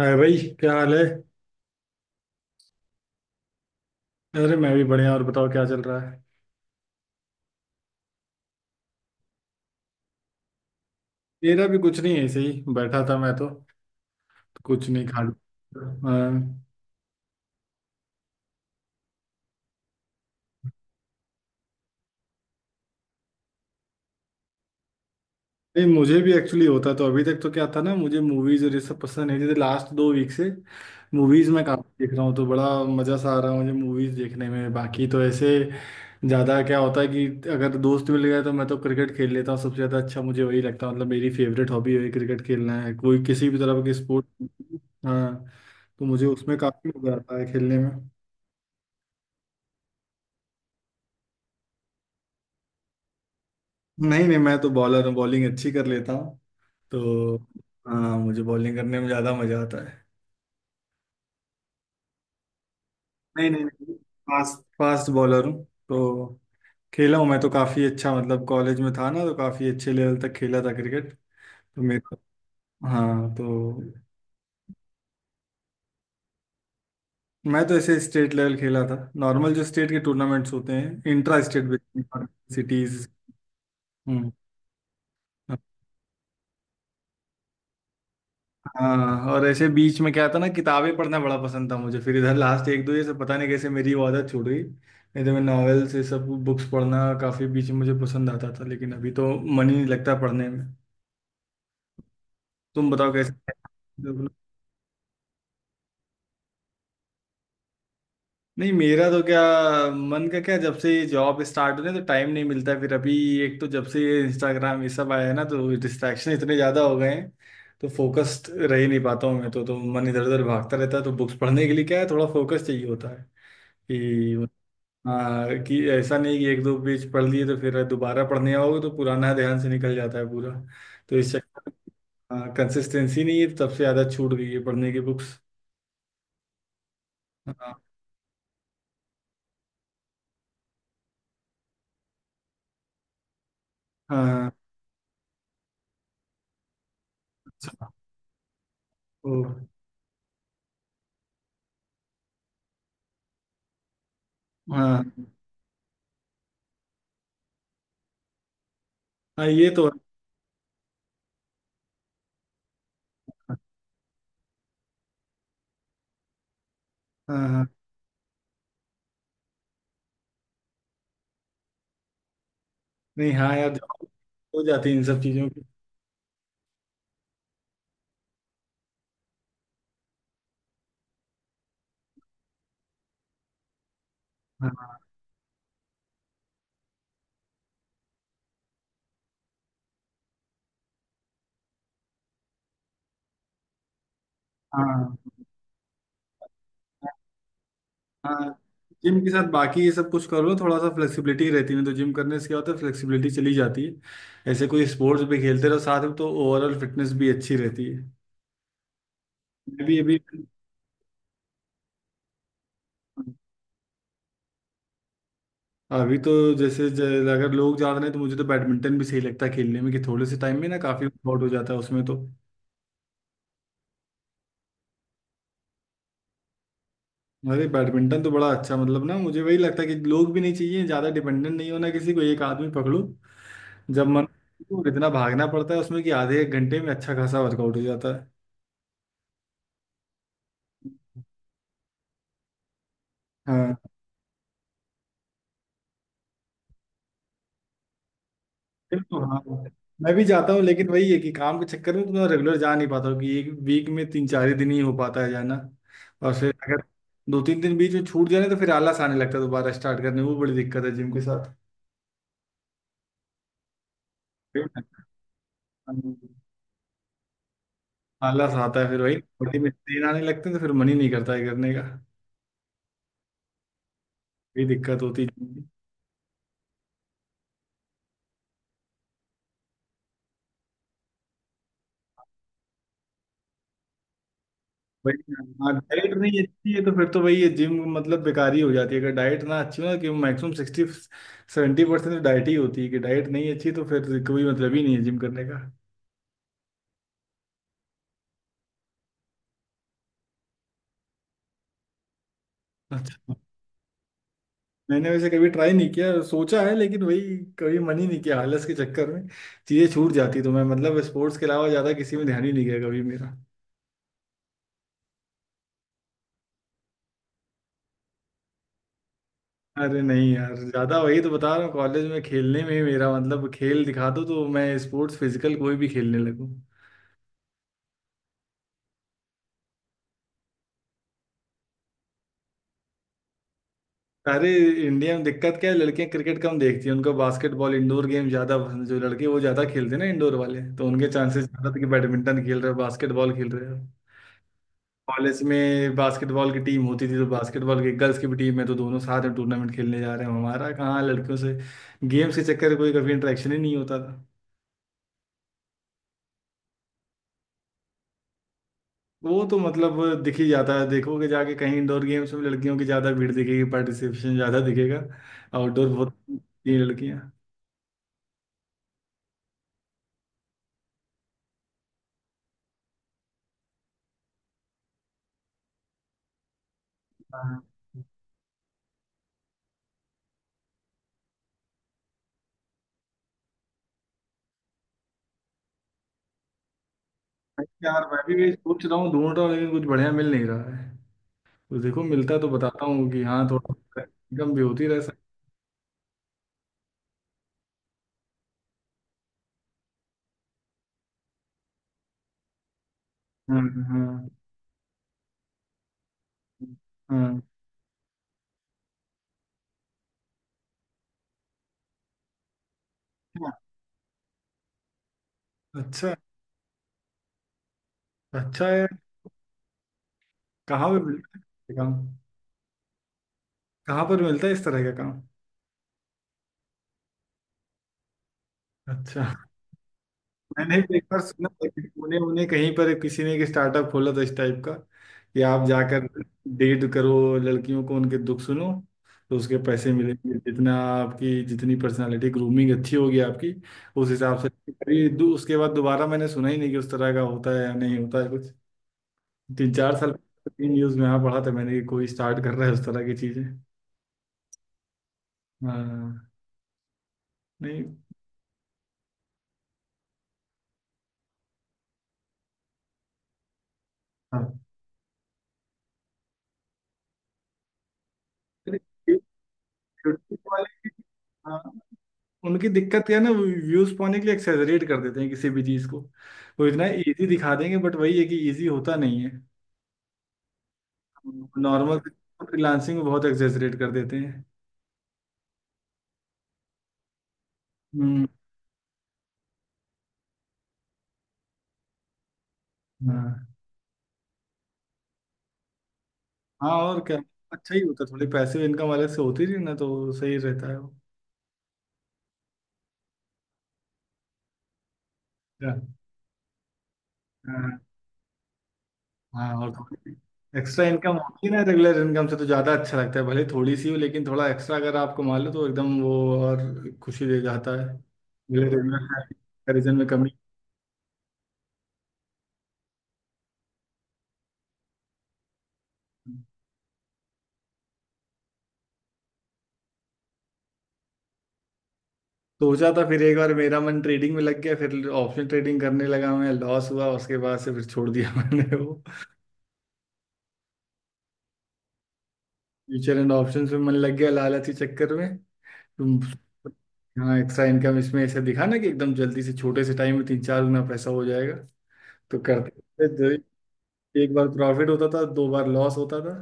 हाय भाई, क्या हाल है। अरे मैं भी बढ़िया। और बताओ, क्या चल रहा है। मेरा भी कुछ नहीं है, ऐसे ही बैठा था मैं तो। कुछ नहीं खा। हाँ। नहीं, मुझे भी एक्चुअली होता, तो अभी तक तो क्या था ना, मुझे मूवीज और ये सब पसंद नहीं थी। लास्ट दो वीक से मूवीज में काफी देख रहा हूँ, तो बड़ा मजा सा आ रहा है मुझे मूवीज देखने में। बाकी तो ऐसे ज्यादा क्या होता है कि अगर दोस्त मिल गए तो मैं तो क्रिकेट खेल लेता हूँ। सबसे ज्यादा अच्छा मुझे वही लगता है, मतलब मेरी फेवरेट हॉबी वही क्रिकेट खेलना है, कोई किसी भी तरह के स्पोर्ट। हाँ, तो मुझे उसमें काफी मजा आता है खेलने में। नहीं नहीं, मैं तो बॉलर हूँ, बॉलिंग अच्छी कर लेता हूँ तो। हाँ, मुझे बॉलिंग करने में ज्यादा मजा आता है। नहीं नहीं नहीं, फास्ट फास्ट बॉलर हूँ तो। खेला हूँ मैं तो काफ़ी अच्छा, मतलब कॉलेज में था ना तो काफ़ी अच्छे लेवल तक खेला था क्रिकेट, तो मेरे। हाँ तो। मैं तो ऐसे स्टेट लेवल खेला था, नॉर्मल जो स्टेट के टूर्नामेंट्स होते हैं, इंट्रा स्टेट सिटीज। हम्म। हाँ, और ऐसे बीच में क्या था ना, किताबें पढ़ना बड़ा पसंद था मुझे। फिर इधर लास्ट एक दो, ये सब पता नहीं कैसे मेरी वो आदत छूट गई। नहीं तो मैं नॉवेल्स ये सब बुक्स पढ़ना काफ़ी बीच में मुझे पसंद आता था, लेकिन अभी तो मन ही नहीं लगता पढ़ने में। तुम बताओ कैसे। नहीं, मेरा तो क्या मन का क्या, जब से जॉब स्टार्ट होने तो टाइम नहीं मिलता। फिर अभी एक तो, जब से ये इंस्टाग्राम ये सब आया है ना, तो डिस्ट्रैक्शन इतने ज्यादा हो गए हैं, तो फोकस्ड रह ही नहीं पाता हूँ मैं तो मन इधर उधर भागता रहता है। तो बुक्स पढ़ने के लिए क्या है, थोड़ा फोकस चाहिए होता है कि। हाँ, कि ऐसा नहीं कि एक दो पेज पढ़ लिए तो फिर दोबारा पढ़ने आओगे तो पुराना ध्यान से निकल जाता है पूरा। तो इस चक्कर में कंसिस्टेंसी नहीं है, तब से ज़्यादा छूट गई है पढ़ने की बुक्स। हाँ। हाँ। ओ। हाँ हाँ, ये तो है। हाँ। हाँ नहीं, हाँ यार, जॉब हो जाती है इन सब चीज़ों की। हाँ हाँ। हाँ, जिम के साथ बाकी ये सब कुछ करो, थोड़ा सा फ्लेक्सिबिलिटी रहती है। नहीं तो जिम करने से क्या होता है, फ्लेक्सिबिलिटी चली जाती है। ऐसे कोई स्पोर्ट्स भी खेलते रहो साथ में तो ओवरऑल फिटनेस भी अच्छी रहती है। मैं भी अभी। अभी तो जैसे अगर लोग ज्यादा नहीं तो मुझे तो बैडमिंटन भी सही लगता है खेलने में, कि थोड़े से टाइम में ना काफी आउट हो जाता है उसमें तो। अरे बैडमिंटन तो बड़ा अच्छा, मतलब ना मुझे वही लगता है कि लोग भी नहीं चाहिए ज्यादा, डिपेंडेंट नहीं होना किसी को, एक आदमी पकड़ो जब मन, और इतना भागना पड़ता है उसमें कि आधे एक घंटे में अच्छा खासा वर्कआउट हो जाता है। हाँ, फिर तो हाँ, मैं भी जाता हूँ, लेकिन वही है कि काम के चक्कर में तो मैं रेगुलर जा नहीं पाता हूँ, कि एक वीक में तीन चार ही दिन ही हो पाता है जाना। और फिर अगर दो तीन दिन बीच में छूट जाए ना तो फिर आलस आने लगता है दोबारा स्टार्ट करने में। वो बड़ी दिक्कत है जिम के साथ। फिर आलस आता है, फिर वही बॉडी में पेन आने लगते हैं, तो फिर मन ही नहीं करता है करने का, ये दिक्कत होती है। भाई हाँ, डाइट नहीं अच्छी है तो फिर तो भाई ये जिम मतलब बेकार ही हो जाती है। अगर डाइट ना अच्छी हो ना, कि मैक्सिमम सिक्सटी सेवेंटी परसेंट तो डाइट ही होती है। कि डाइट नहीं अच्छी तो फिर कोई मतलब ही नहीं है जिम करने का। अच्छा, मैंने वैसे कभी ट्राई नहीं किया, सोचा है, लेकिन वही कभी मन ही नहीं किया आलस के चक्कर में। चीज़ें छूट जाती, तो मैं मतलब स्पोर्ट्स के अलावा ज़्यादा किसी में ध्यान ही नहीं गया कभी मेरा। अरे नहीं यार, ज़्यादा वही तो बता रहा हूँ, कॉलेज में खेलने में ही मेरा मतलब, खेल दिखा दो तो मैं स्पोर्ट्स फिजिकल कोई भी खेलने लगूँ। अरे इंडिया में दिक्कत क्या है, लड़कियां क्रिकेट कम देखती हैं। उनको बास्केटबॉल इंडोर गेम ज्यादा पसंद, जो लड़के वो ज्यादा खेलते हैं ना इंडोर वाले, तो उनके चांसेस ज्यादा थे कि बैडमिंटन खेल रहे हो, बास्केटबॉल खेल रहे हो। कॉलेज में बास्केटबॉल की टीम होती थी, तो बास्केटबॉल की गर्ल्स की भी टीम है, तो दोनों साथ में टूर्नामेंट खेलने जा रहे हैं, हमारा कहाँ लड़कियों से गेम्स के चक्कर में कोई कभी इंटरेक्शन ही नहीं होता था। वो तो मतलब दिख ही जाता है, देखोगे जाके कहीं इंडोर गेम्स में लड़कियों की ज्यादा भीड़ दिखेगी, पार्टिसिपेशन ज्यादा दिखेगा। आउटडोर बहुत, ये लड़कियां। हाँ यार, मैं भी वही सोच रहा हूँ, ढूंढ रहा हूँ लेकिन कुछ बढ़िया मिल नहीं रहा है। तो देखो, मिलता तो बताता हूँ कि हाँ, थोड़ा इनकम भी होती रह सकती। हाँ। हाँ। हाँ। हाँ। अच्छा, अच्छा है। कहाँ पे मिलता है ये काम, कहाँ पर मिलता है इस तरह का काम। अच्छा, मैंने भी एक बार सुना था कि पुणे उन्हें कहीं पर किसी ने एक स्टार्टअप खोला था इस टाइप का, कि आप जाकर डेट करो लड़कियों को, उनके दुख सुनो, तो उसके पैसे मिलेंगे, जितना आपकी जितनी पर्सनालिटी ग्रूमिंग अच्छी होगी आपकी उस हिसाब से। कभी उसके बाद दोबारा मैंने सुना ही नहीं कि उस तरह का होता है या नहीं होता है कुछ। तीन चार साल तीन न्यूज़ में यहाँ पढ़ा था मैंने कि कोई स्टार्ट कर रहा है उस तरह की चीज़ें। हाँ। नहीं। हाँ, ब्यूटी वाले। हाँ, उनकी दिक्कत क्या है ना, वो व्यूज पाने के लिए एक्सेजरेट कर देते हैं किसी भी चीज को। वो इतना इजी दिखा देंगे, बट वही है कि इजी होता नहीं है। नॉर्मल फ्रीलांसिंग को बहुत एक्सेजरेट कर देते हैं। हम्म। हाँ। हाँ, और क्या। अच्छा ही होता है, थोड़े पैसिव इनकम अलग से होती थी ना तो सही रहता है वो। क्या? हाँ। हाँ, और थोड़ी एक्स्ट्रा इनकम होती है ना रेगुलर इनकम से तो ज़्यादा अच्छा लगता है, भले थोड़ी सी हो, लेकिन थोड़ा एक्स्ट्रा अगर आप कमा लो तो एकदम वो और खुशी दे जाता है, भले रेगुलर कंपेरिजन में कमी। सोचा था, फिर एक बार मेरा मन ट्रेडिंग में लग गया, फिर ऑप्शन ट्रेडिंग करने लगा मैं, लॉस हुआ, उसके बाद से फिर छोड़ दिया। मैंने वो फ्यूचर एंड ऑप्शंस में मन लग गया, लालची चक्कर में। तुम। हाँ, एक्स्ट्रा इनकम इसमें ऐसे दिखा ना कि एकदम जल्दी से छोटे से टाइम में तीन चार गुना पैसा हो जाएगा, तो करते करते एक बार प्रॉफिट होता था, दो बार लॉस होता था।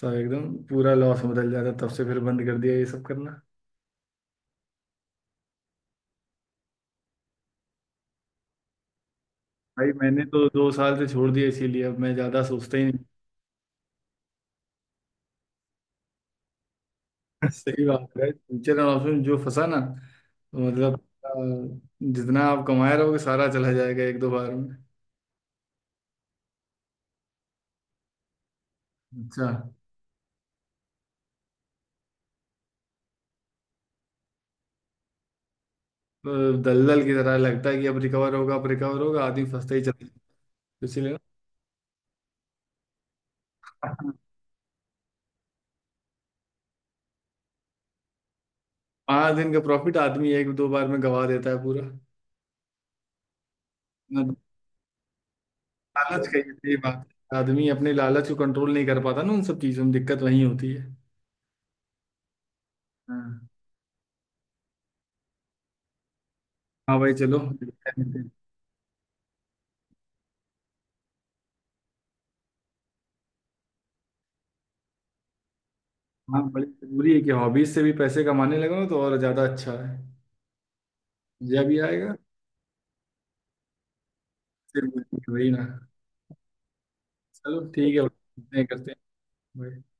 सब एकदम पूरा लॉस में बदल जाता, तब से फिर बंद कर दिया ये सब करना। भाई मैंने तो दो साल से छोड़ दिया, इसीलिए अब मैं ज्यादा सोचता ही नहीं। सही बात है, टीचर और ऑप्शन में जो फंसा ना तो मतलब अ, जितना आप कमाए रहोगे सारा चला जाएगा एक दो बार में। अच्छा, तो दलदल की तरह लगता है कि अब रिकवर होगा, अब रिकवर होगा, आदमी फंसता ही चला जाता है। इसीलिए ना, पाँच दिन का प्रॉफिट आदमी एक दो बार में गवा देता है पूरा। ना, लालच का, ये सही बात है, आदमी अपने लालच को कंट्रोल नहीं कर पाता ना, उन सब चीजों में दिक्कत वही होती है। हाँ। हाँ भाई, चलो। हाँ, बड़ी जरूरी है कि हॉबीज से भी पैसे कमाने लगो, तो और ज्यादा अच्छा है। मजा भी आएगा। फिर वही वही ना, चलो ठीक है, करते हैं करते हैं।